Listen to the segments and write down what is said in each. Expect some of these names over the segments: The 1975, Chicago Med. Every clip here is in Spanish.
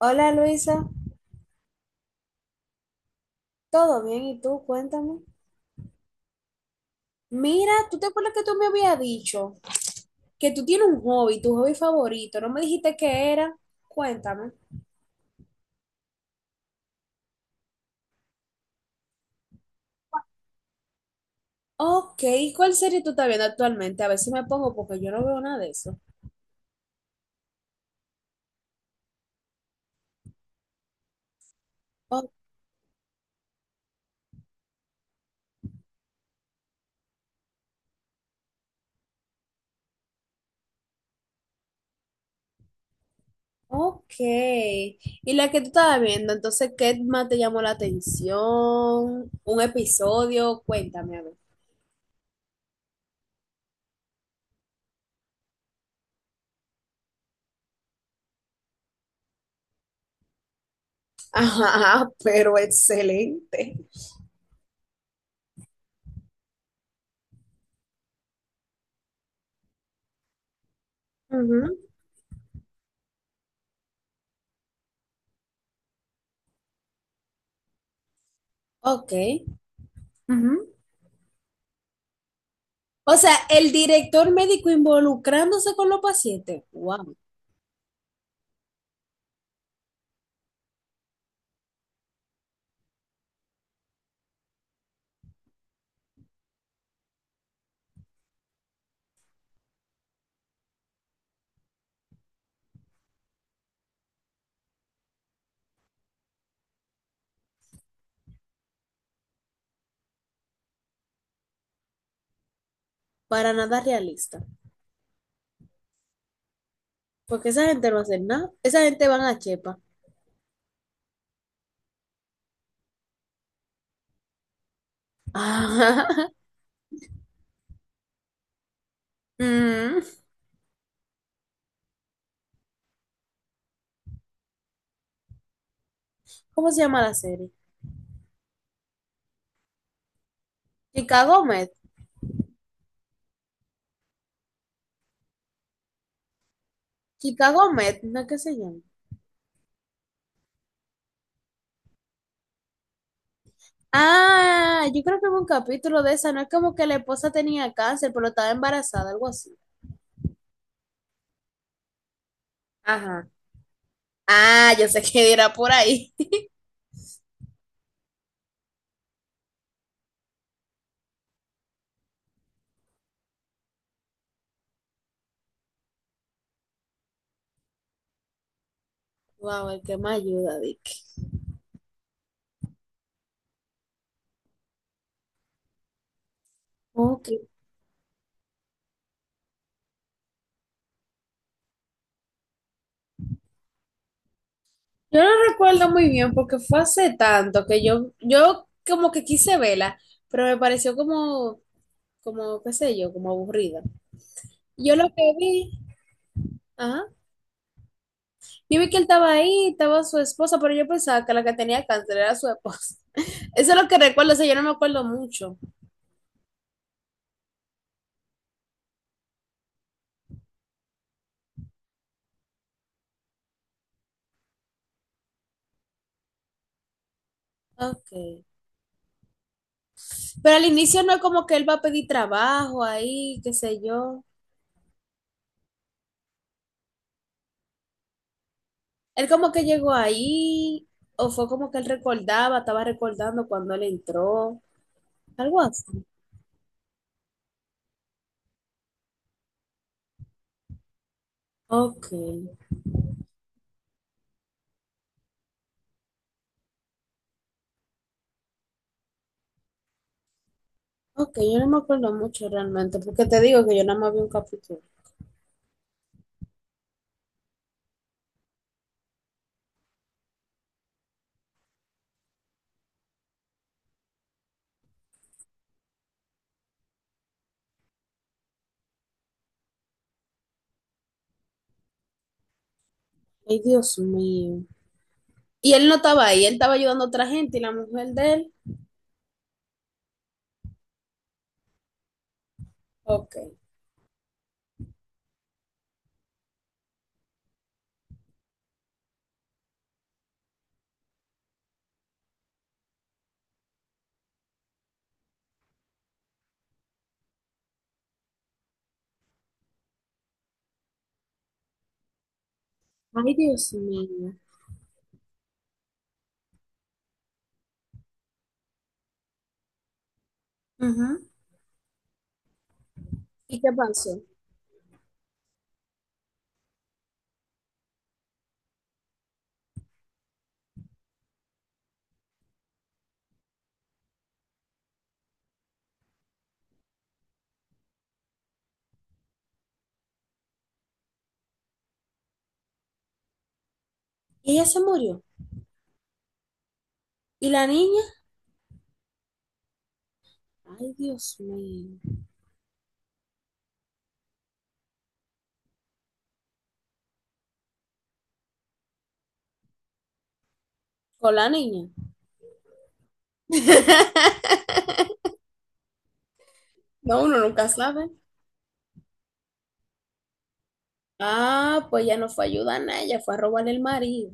Hola Luisa, ¿todo bien? ¿Y tú? Cuéntame. Mira, ¿tú te acuerdas que tú me habías dicho que tú tienes un hobby, tu hobby favorito? ¿No me dijiste qué era? Cuéntame. Ok, ¿cuál serie tú estás viendo actualmente? A ver si me pongo porque yo no veo nada de eso. O- ok, ¿y la que tú estabas viendo? Entonces, ¿qué más te llamó la atención? ¿Un episodio? Cuéntame, a ver. Ajá, pero excelente. Ujú. Ok. Ujú. O sea, el director médico involucrándose con los pacientes, guau, para nada realista. Porque esa gente no hace nada. Esa gente van a Chepa. Ah, mm. ¿Cómo se llama la serie? Chicago Med. Chicago Med, ¿no es que se llama? Ah, yo creo que hubo un capítulo de esa. No es como que la esposa tenía cáncer, pero estaba embarazada, algo así. Ajá. Ah, yo sé que dirá por ahí. Wow, el que me ayuda, Dick. Ok. Yo no recuerdo muy bien porque fue hace tanto que yo como que quise verla, pero me pareció como, qué sé yo, como aburrida. Yo lo que vi, ajá, yo vi que él estaba ahí, estaba su esposa, pero yo pensaba que la que tenía cáncer era su esposa. Eso es lo que recuerdo, o sea, yo no me acuerdo mucho. Okay. Pero al inicio no es como que él va a pedir trabajo ahí, qué sé yo. Él como que llegó ahí, o fue como que él recordaba, estaba recordando cuando él entró, algo así. Ok. Ok, yo no me acuerdo mucho realmente, porque te digo que yo nada más vi un capítulo. Ay, Dios mío. Y él no estaba ahí, él estaba ayudando a otra gente y la mujer de él. Ok. Ay, Dios mío. Ujú. ¿Y qué pasó? Y ella se murió. ¿Y la niña? Ay, Dios mío. ¿Con la niña? No, uno nunca sabe. Ah, pues ya no fue a ayudar a nadie, ella fue a robarle el marido.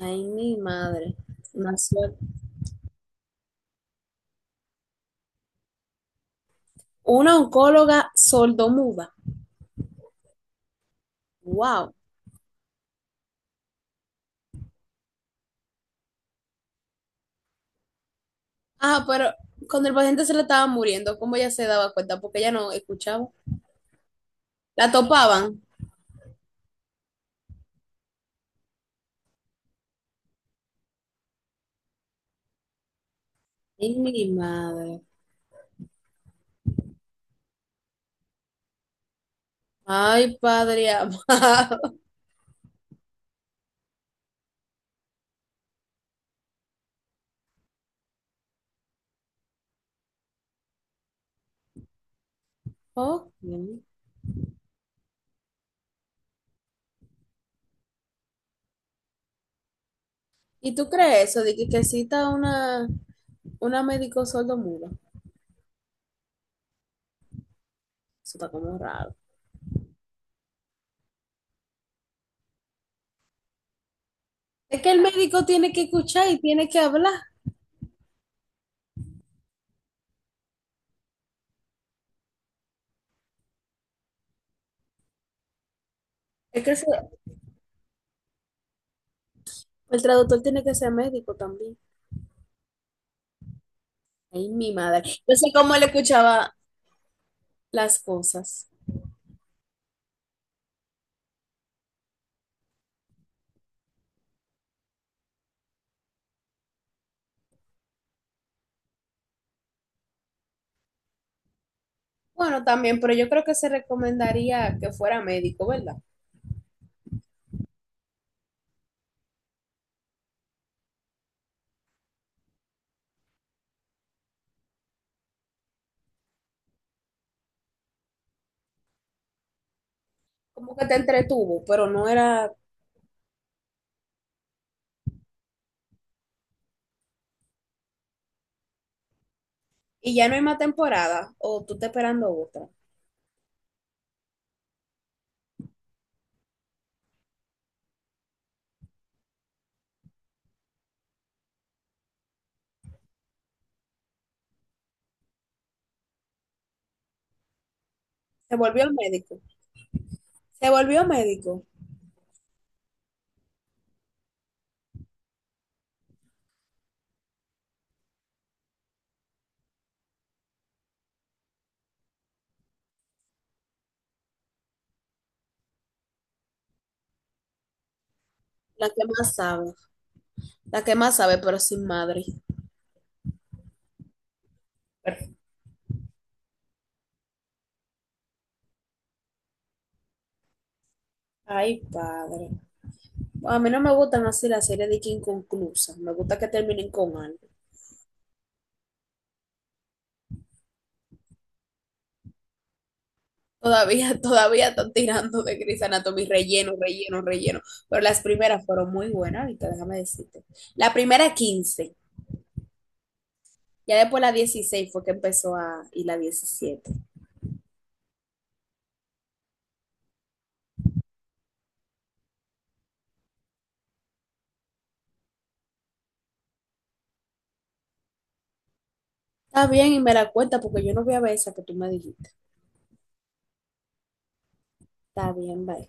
Ay, mi madre. Una, suerte. Una oncóloga sordomuda. Wow. Ah, pero cuando el paciente se le estaba muriendo, ¿cómo ella se daba cuenta? Porque ella no escuchaba. La topaban. Ay, mi madre. Ay, padre amado. Ok. ¿Y tú crees eso de que cita una médico sordomuda? Eso está como raro. Es que el médico tiene que escuchar y tiene que hablar. Es que se- el traductor tiene que ser médico también. Ay, mi madre. Yo sé cómo él escuchaba las cosas. Bueno, también, pero yo creo que se recomendaría que fuera médico, ¿verdad? Como que te entretuvo, pero no era, y ya no hay más temporada, o tú estás esperando otra. Se volvió médico, se volvió médico, la que más sabe, la que más sabe, pero sin madre. Ay, padre. A mí no me gustan así las series de que inconclusas, me gusta que terminen con algo. Todavía, todavía están tirando de Grey's Anatomy, relleno, relleno, relleno. Pero las primeras fueron muy buenas, ahorita déjame decirte. La primera 15, ya después la 16 fue que empezó a, y la 17. Está bien y me la cuenta porque yo no voy a ver esa que tú me dijiste. Está bien, bye.